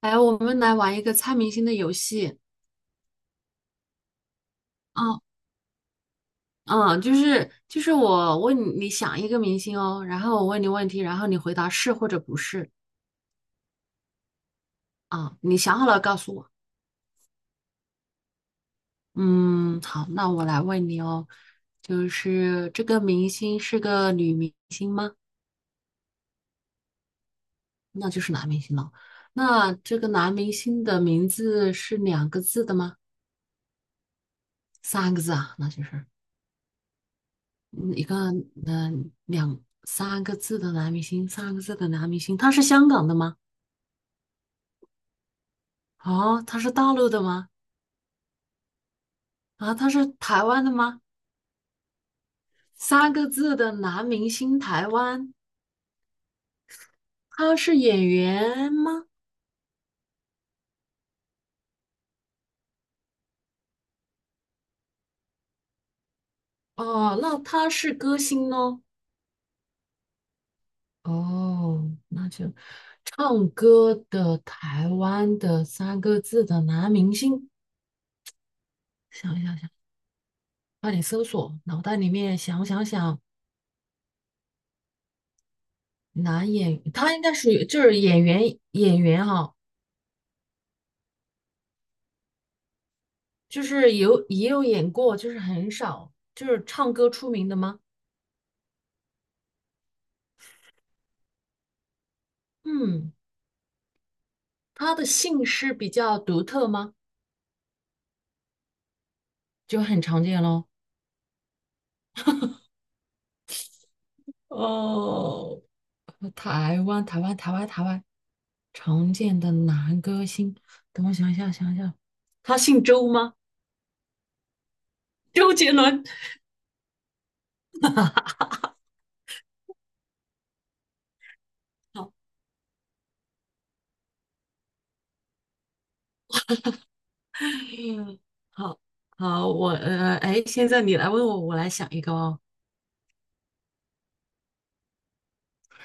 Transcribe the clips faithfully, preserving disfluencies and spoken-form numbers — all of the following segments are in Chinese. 哎，我们来玩一个猜明星的游戏。哦，嗯，就是就是我问你，你想一个明星哦，然后我问你问题，然后你回答是或者不是啊。你想好了告诉我。嗯，好，那我来问你哦，就是这个明星是个女明星吗？那就是男明星了。那这个男明星的名字是两个字的吗？三个字啊，那就是嗯一个嗯、两三个字的男明星，三个字的男明星，他是香港的吗？哦，他是大陆的吗？啊，他是台湾的吗？三个字的男明星，台湾，他是演员吗？哦，那他是歌星哦。哦，那就唱歌的台湾的三个字的男明星，想一想想，快点搜索，脑袋里面想想想，男演，他应该属于就是演员演员哈、就是有也有演过，就是很少，就是唱歌出名的吗？嗯。他的姓氏比较独特吗？就很常见咯。哦，台湾，台湾，台湾，台湾，常见的男歌星，等我想一下，想一下，他姓周吗？周杰伦。好，好，好，我呃，哎，现在你来问我，我来想一个哦。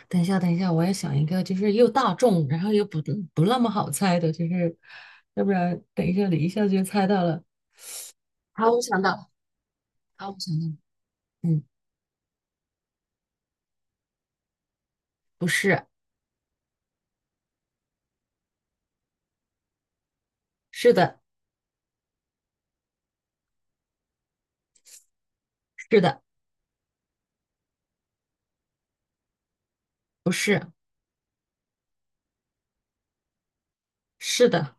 等一下，等一下，我要想一个，就是又大众，然后又不不那么好猜的，就是要不然等一下你一下就猜到了。好，我想到了，好，我想到了，嗯，不是，是的。是的，不是，是的，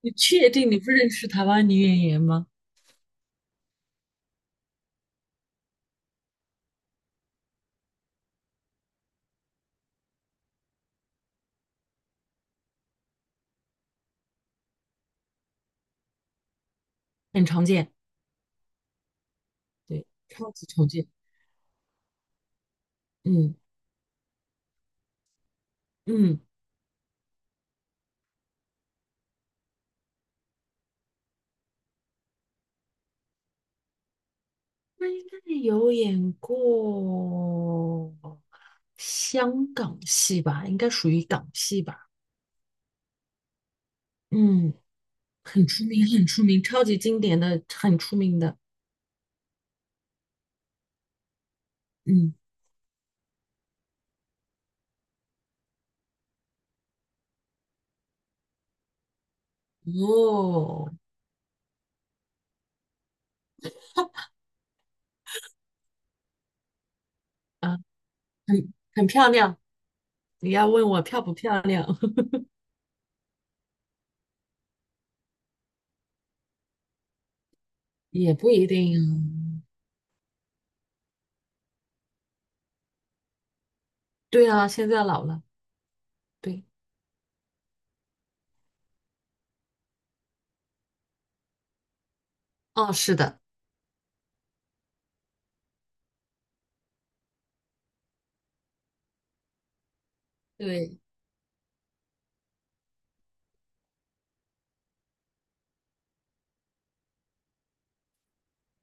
你确定你不认识台湾女演员吗？很常见。对，超级常见。嗯嗯，那应该有演过香港戏吧？应该属于港戏吧？嗯，很出名，很出名，超级经典的，很出名的。嗯，哦，啊，很很漂亮。你要问我漂不漂亮？也不一定啊。对啊，现在老了。对，哦，是的，对。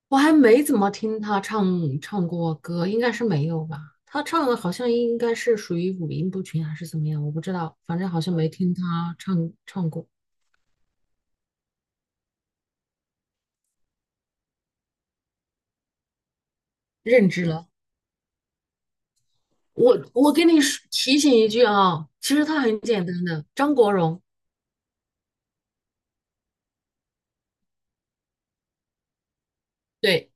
我还没怎么听他唱唱过歌，应该是没有吧？他唱的好像应该是属于五音不全还是怎么样，我不知道，反正好像没听他唱唱过，认知了。我我给你说提醒一句啊，其实他很简单的，张国荣，对，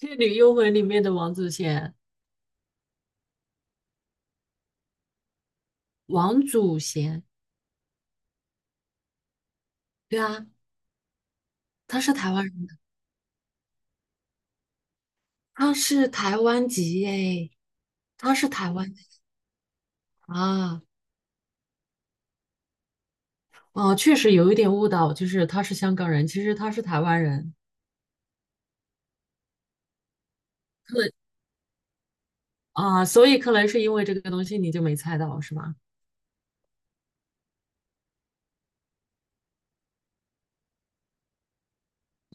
《倩女幽魂》里面的王祖贤，王祖贤，对啊，他是台湾人，他是台湾籍诶，他是台湾的啊。哦，确实有一点误导，就是他是香港人，其实他是台湾人。对啊，所以可能是因为这个东西你就没猜到是吧？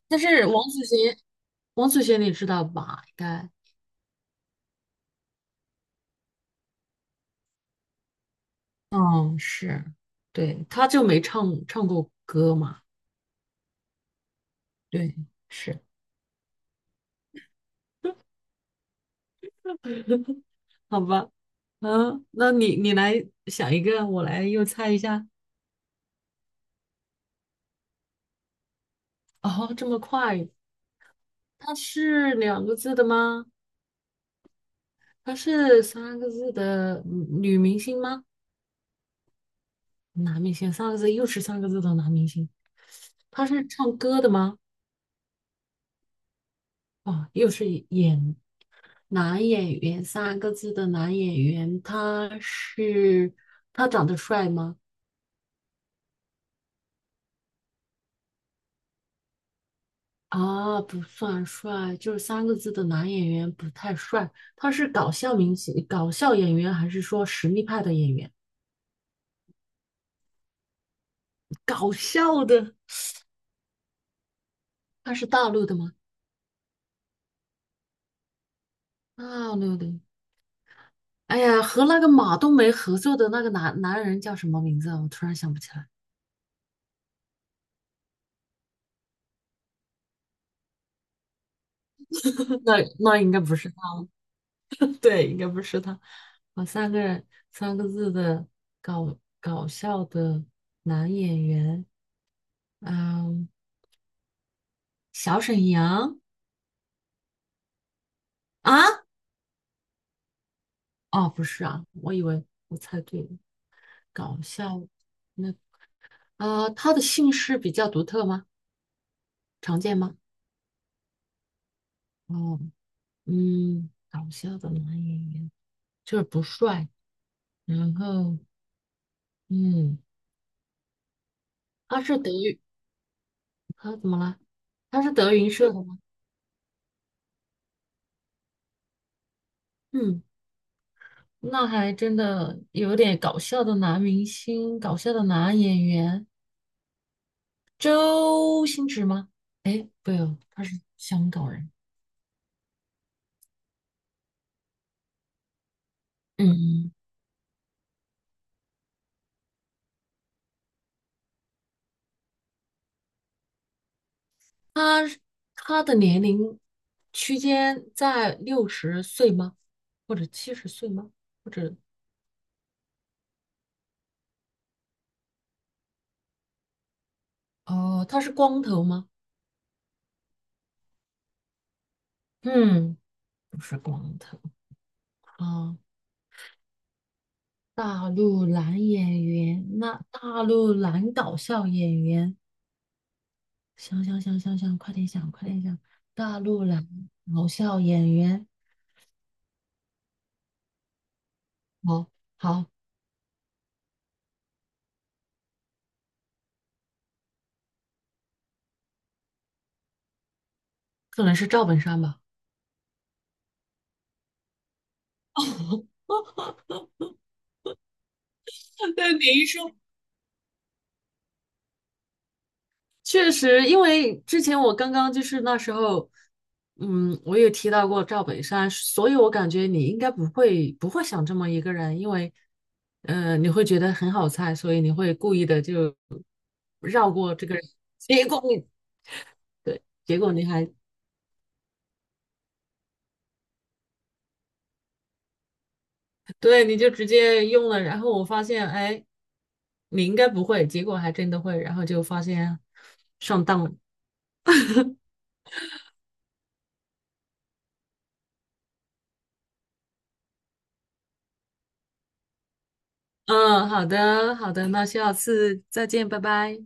但是王祖贤，王祖贤你知道吧？应该，嗯，是，对，他就没唱唱过歌嘛，对，是，好吧，嗯，那你你来想一个，我来又猜一下。哦，这么快？她是两个字的吗？她是三个字的嗯女明星吗？男明星三个字，又是三个字的男明星。他是唱歌的吗？啊，又是演男演员三个字的男演员，他是他长得帅吗？啊，不算帅，就是三个字的男演员不太帅。他是搞笑明星、搞笑演员，还是说实力派的演员？搞笑的，他是大陆的吗？大陆的。哎呀，和那个马冬梅合作的那个男男人叫什么名字啊？我突然想不起来。那那应该不是他，对，应该不是他。我三个人三个字的搞搞笑的男演员，嗯，小沈阳啊？哦，不是啊，我以为我猜对了，搞笑那啊、他的姓氏比较独特吗？常见吗？哦，嗯，搞笑的男演员就是不帅，然后嗯，他是德云，他怎么了？他是德云社的吗？嗯。那还真的有点搞笑的男明星，搞笑的男演员，周星驰吗？不有，他是香港人。嗯，他他的年龄区间在六十岁吗？或者七十岁吗？或者哦，他是光头吗？嗯，不是光头啊。大陆男演员，那大陆男搞笑演员。想想想想想，快点想，快点想。大陆来搞笑演员，好好，可能是赵本山吧 对，你一说，确实，因为之前我刚刚就是那时候，嗯，我也提到过赵本山，所以我感觉你应该不会不会想这么一个人，因为，呃，你会觉得很好猜，所以你会故意的就绕过这个人，结果你对，结果你还对，你就直接用了，然后我发现，哎，你应该不会，结果还真的会，然后就发现上当了。嗯，好的，好的，那下次再见，拜拜。